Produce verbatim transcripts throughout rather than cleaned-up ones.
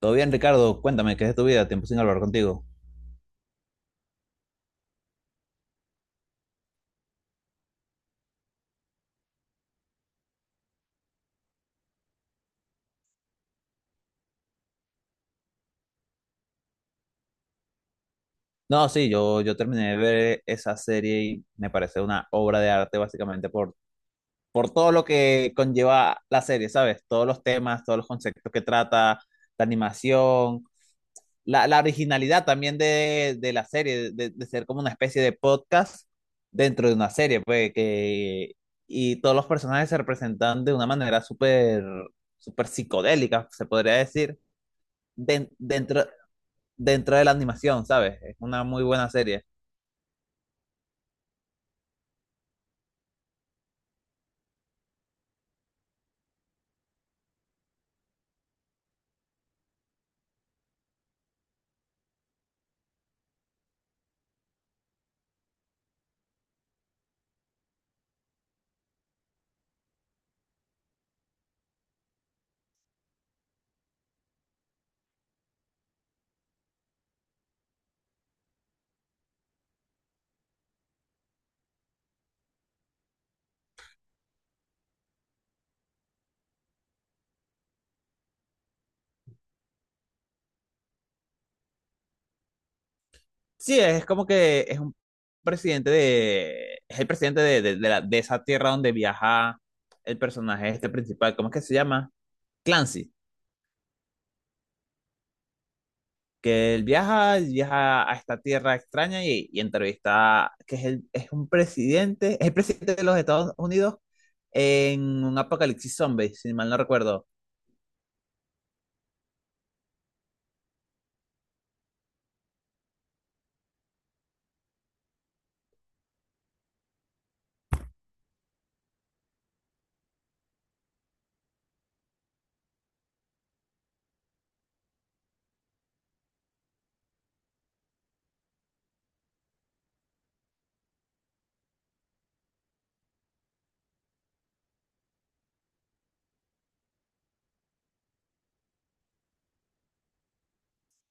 Todo bien, Ricardo, cuéntame, ¿qué es de tu vida? Tiempo sin hablar contigo. No, sí, yo, yo terminé de ver esa serie y me parece una obra de arte básicamente por, por todo lo que conlleva la serie, ¿sabes? Todos los temas, todos los conceptos que trata, la animación, la, la originalidad también de, de la serie, de, de ser como una especie de podcast dentro de una serie, pues, que, y todos los personajes se representan de una manera súper, súper psicodélica, se podría decir den- dentro, dentro de la animación, ¿sabes? Es una muy buena serie. Sí, es como que es un presidente de... Es el presidente de, de, de la- de esa tierra donde viaja el personaje este principal. ¿Cómo es que se llama? Clancy. Que él viaja, viaja a esta tierra extraña y, y entrevista, que es, el, es un presidente, es el presidente de los Estados Unidos en un apocalipsis zombie, si mal no recuerdo.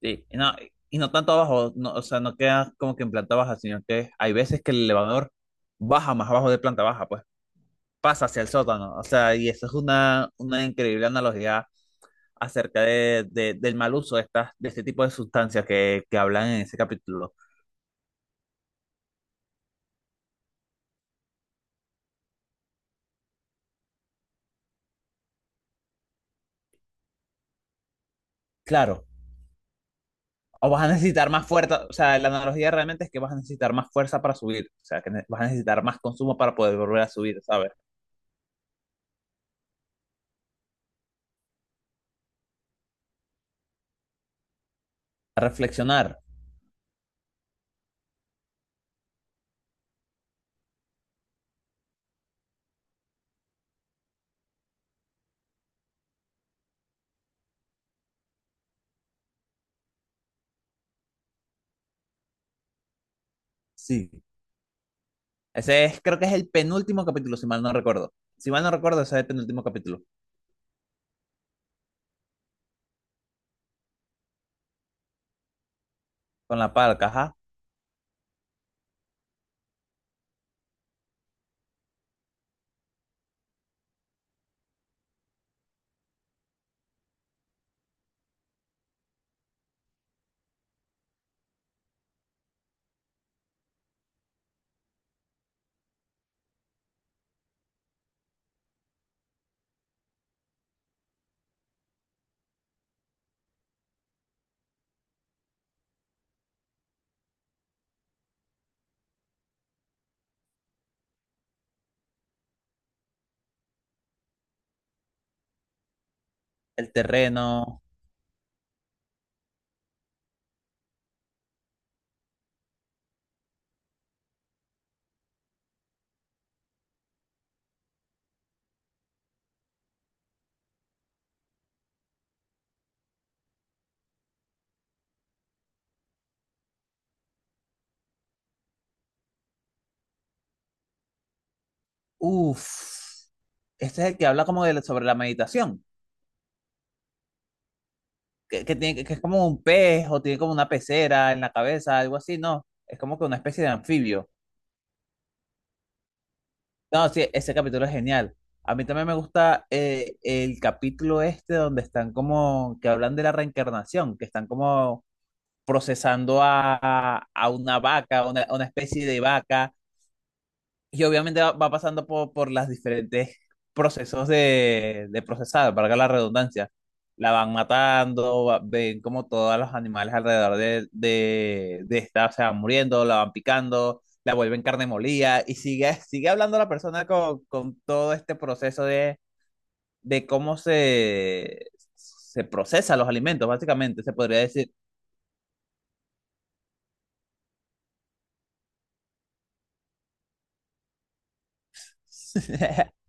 Sí, y no, y no tanto abajo, no, o sea, no queda como que en planta baja, sino que hay veces que el elevador baja más abajo de planta baja, pues pasa hacia el sótano, o sea, y eso es una, una increíble analogía acerca de, de- del mal uso de, estas, de este tipo de sustancias que, que hablan en ese capítulo. Claro, o vas a necesitar más fuerza, o sea, la analogía realmente es que vas a necesitar más fuerza para subir, o sea, que ne- vas a necesitar más consumo para poder volver a subir, ¿sabes? A reflexionar. Sí. Ese es, creo que es el penúltimo capítulo, si mal no recuerdo. Si mal no recuerdo, ese es el penúltimo capítulo. Con la palca, ajá. El terreno. Uf. Este es el que habla como de, la- sobre la meditación. Que, que, tiene, que es como un pez o tiene como una pecera en la cabeza, algo así, ¿no? Es como que una especie de anfibio. No, sí, ese capítulo es genial. A mí también me gusta eh, el capítulo este donde están como, que hablan de la reencarnación, que están como procesando a, a una vaca, a una, a una especie de vaca. Y obviamente va, va pasando por, por las diferentes procesos de, de procesado, valga la redundancia. La van matando, va- ven como todos los animales alrededor de, de, de esta se van muriendo, la van picando, la vuelven carne molida y sigue, sigue hablando la persona con, con todo este proceso de, de cómo se, se procesa los alimentos, básicamente, se podría decir.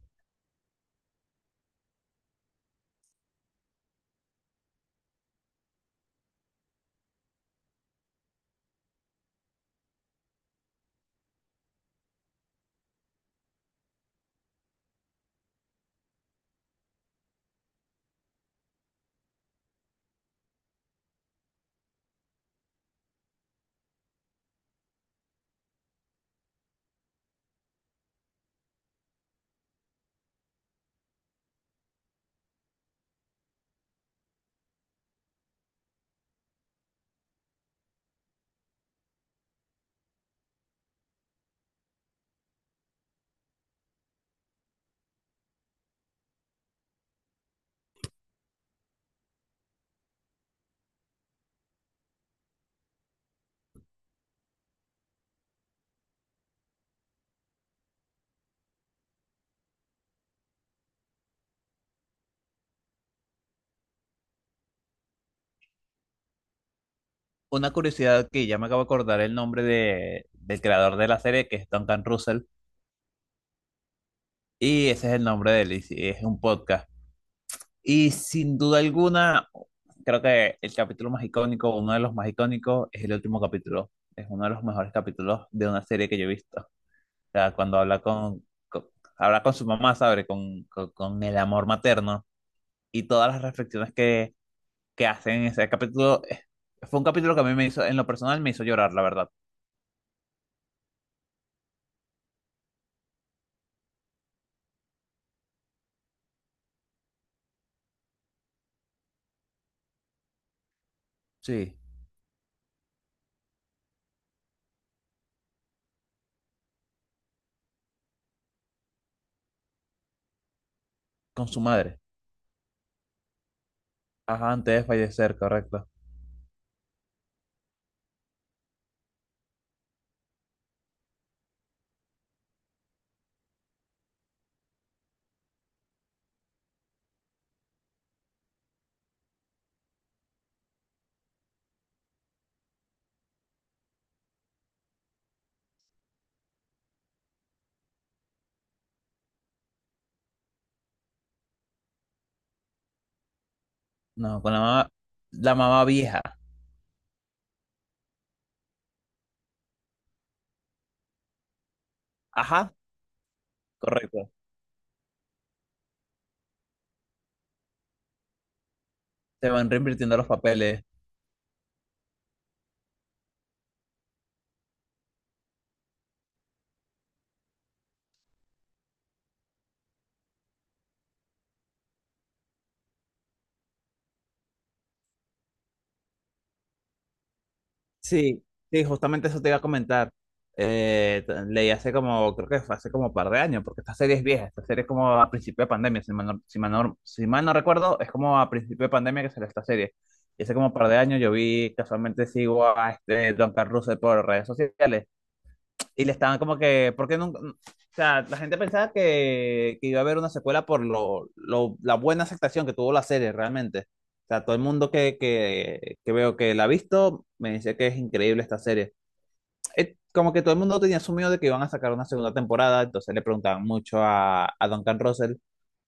Una curiosidad que ya me acabo de acordar el nombre de, del creador de la serie, que es Duncan Russell. Y ese es el nombre de él, y sí, es un podcast. Y sin duda alguna, creo que el capítulo más icónico, uno de los más icónicos, es el último capítulo. Es uno de los mejores capítulos de una serie que yo he visto. O sea, cuando habla con, con- habla con su mamá, ¿sabe? Con, con, con el amor materno y todas las reflexiones que, que hacen en ese capítulo. eh, Fue un capítulo que a mí me hizo, en lo personal, me hizo llorar, la verdad. Sí, con su madre. Ajá, antes de fallecer, correcto. No, con la mamá, la mamá vieja. Ajá. Correcto. Se van reinvirtiendo los papeles. Sí, sí, justamente eso te iba a comentar. Eh, t- leí hace como, creo que fue hace como un par de años, porque esta serie es vieja, esta serie es como a principio de pandemia, si mal no, si mal no- si mal no recuerdo, es como a principio de pandemia que salió esta serie. Y hace como un par de años yo vi, casualmente sigo a este Don Carlos Russell por redes sociales y le estaban como que, ¿por qué no? O sea, la gente pensaba que, que iba a haber una secuela por lo, lo- la buena aceptación que tuvo la serie realmente. O sea, todo el mundo que, que, que veo que la ha visto me dice que es increíble esta serie. Eh, como que todo el mundo tenía asumido de que iban a sacar una segunda temporada, entonces le preguntaban mucho a, a Duncan Russell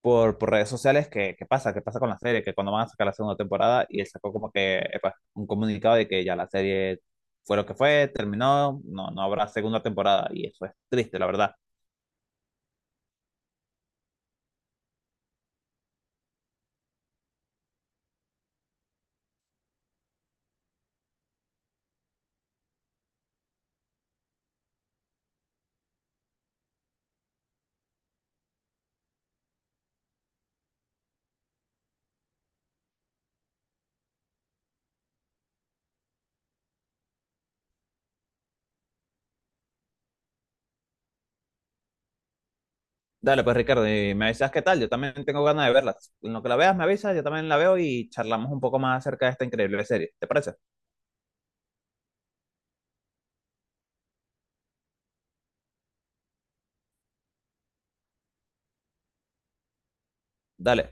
por, por redes sociales que, qué pasa, qué pasa con la serie, que cuando van a sacar la segunda temporada, y él sacó como que epa, un comunicado de que ya la serie fue lo que fue, terminó, no, no habrá segunda temporada, y eso es triste, la verdad. Dale, pues Ricardo, y me avisas qué tal, yo también tengo ganas de verla. En lo que la veas, me avisas, yo también la veo y charlamos un poco más acerca de esta increíble serie, ¿te parece? Dale.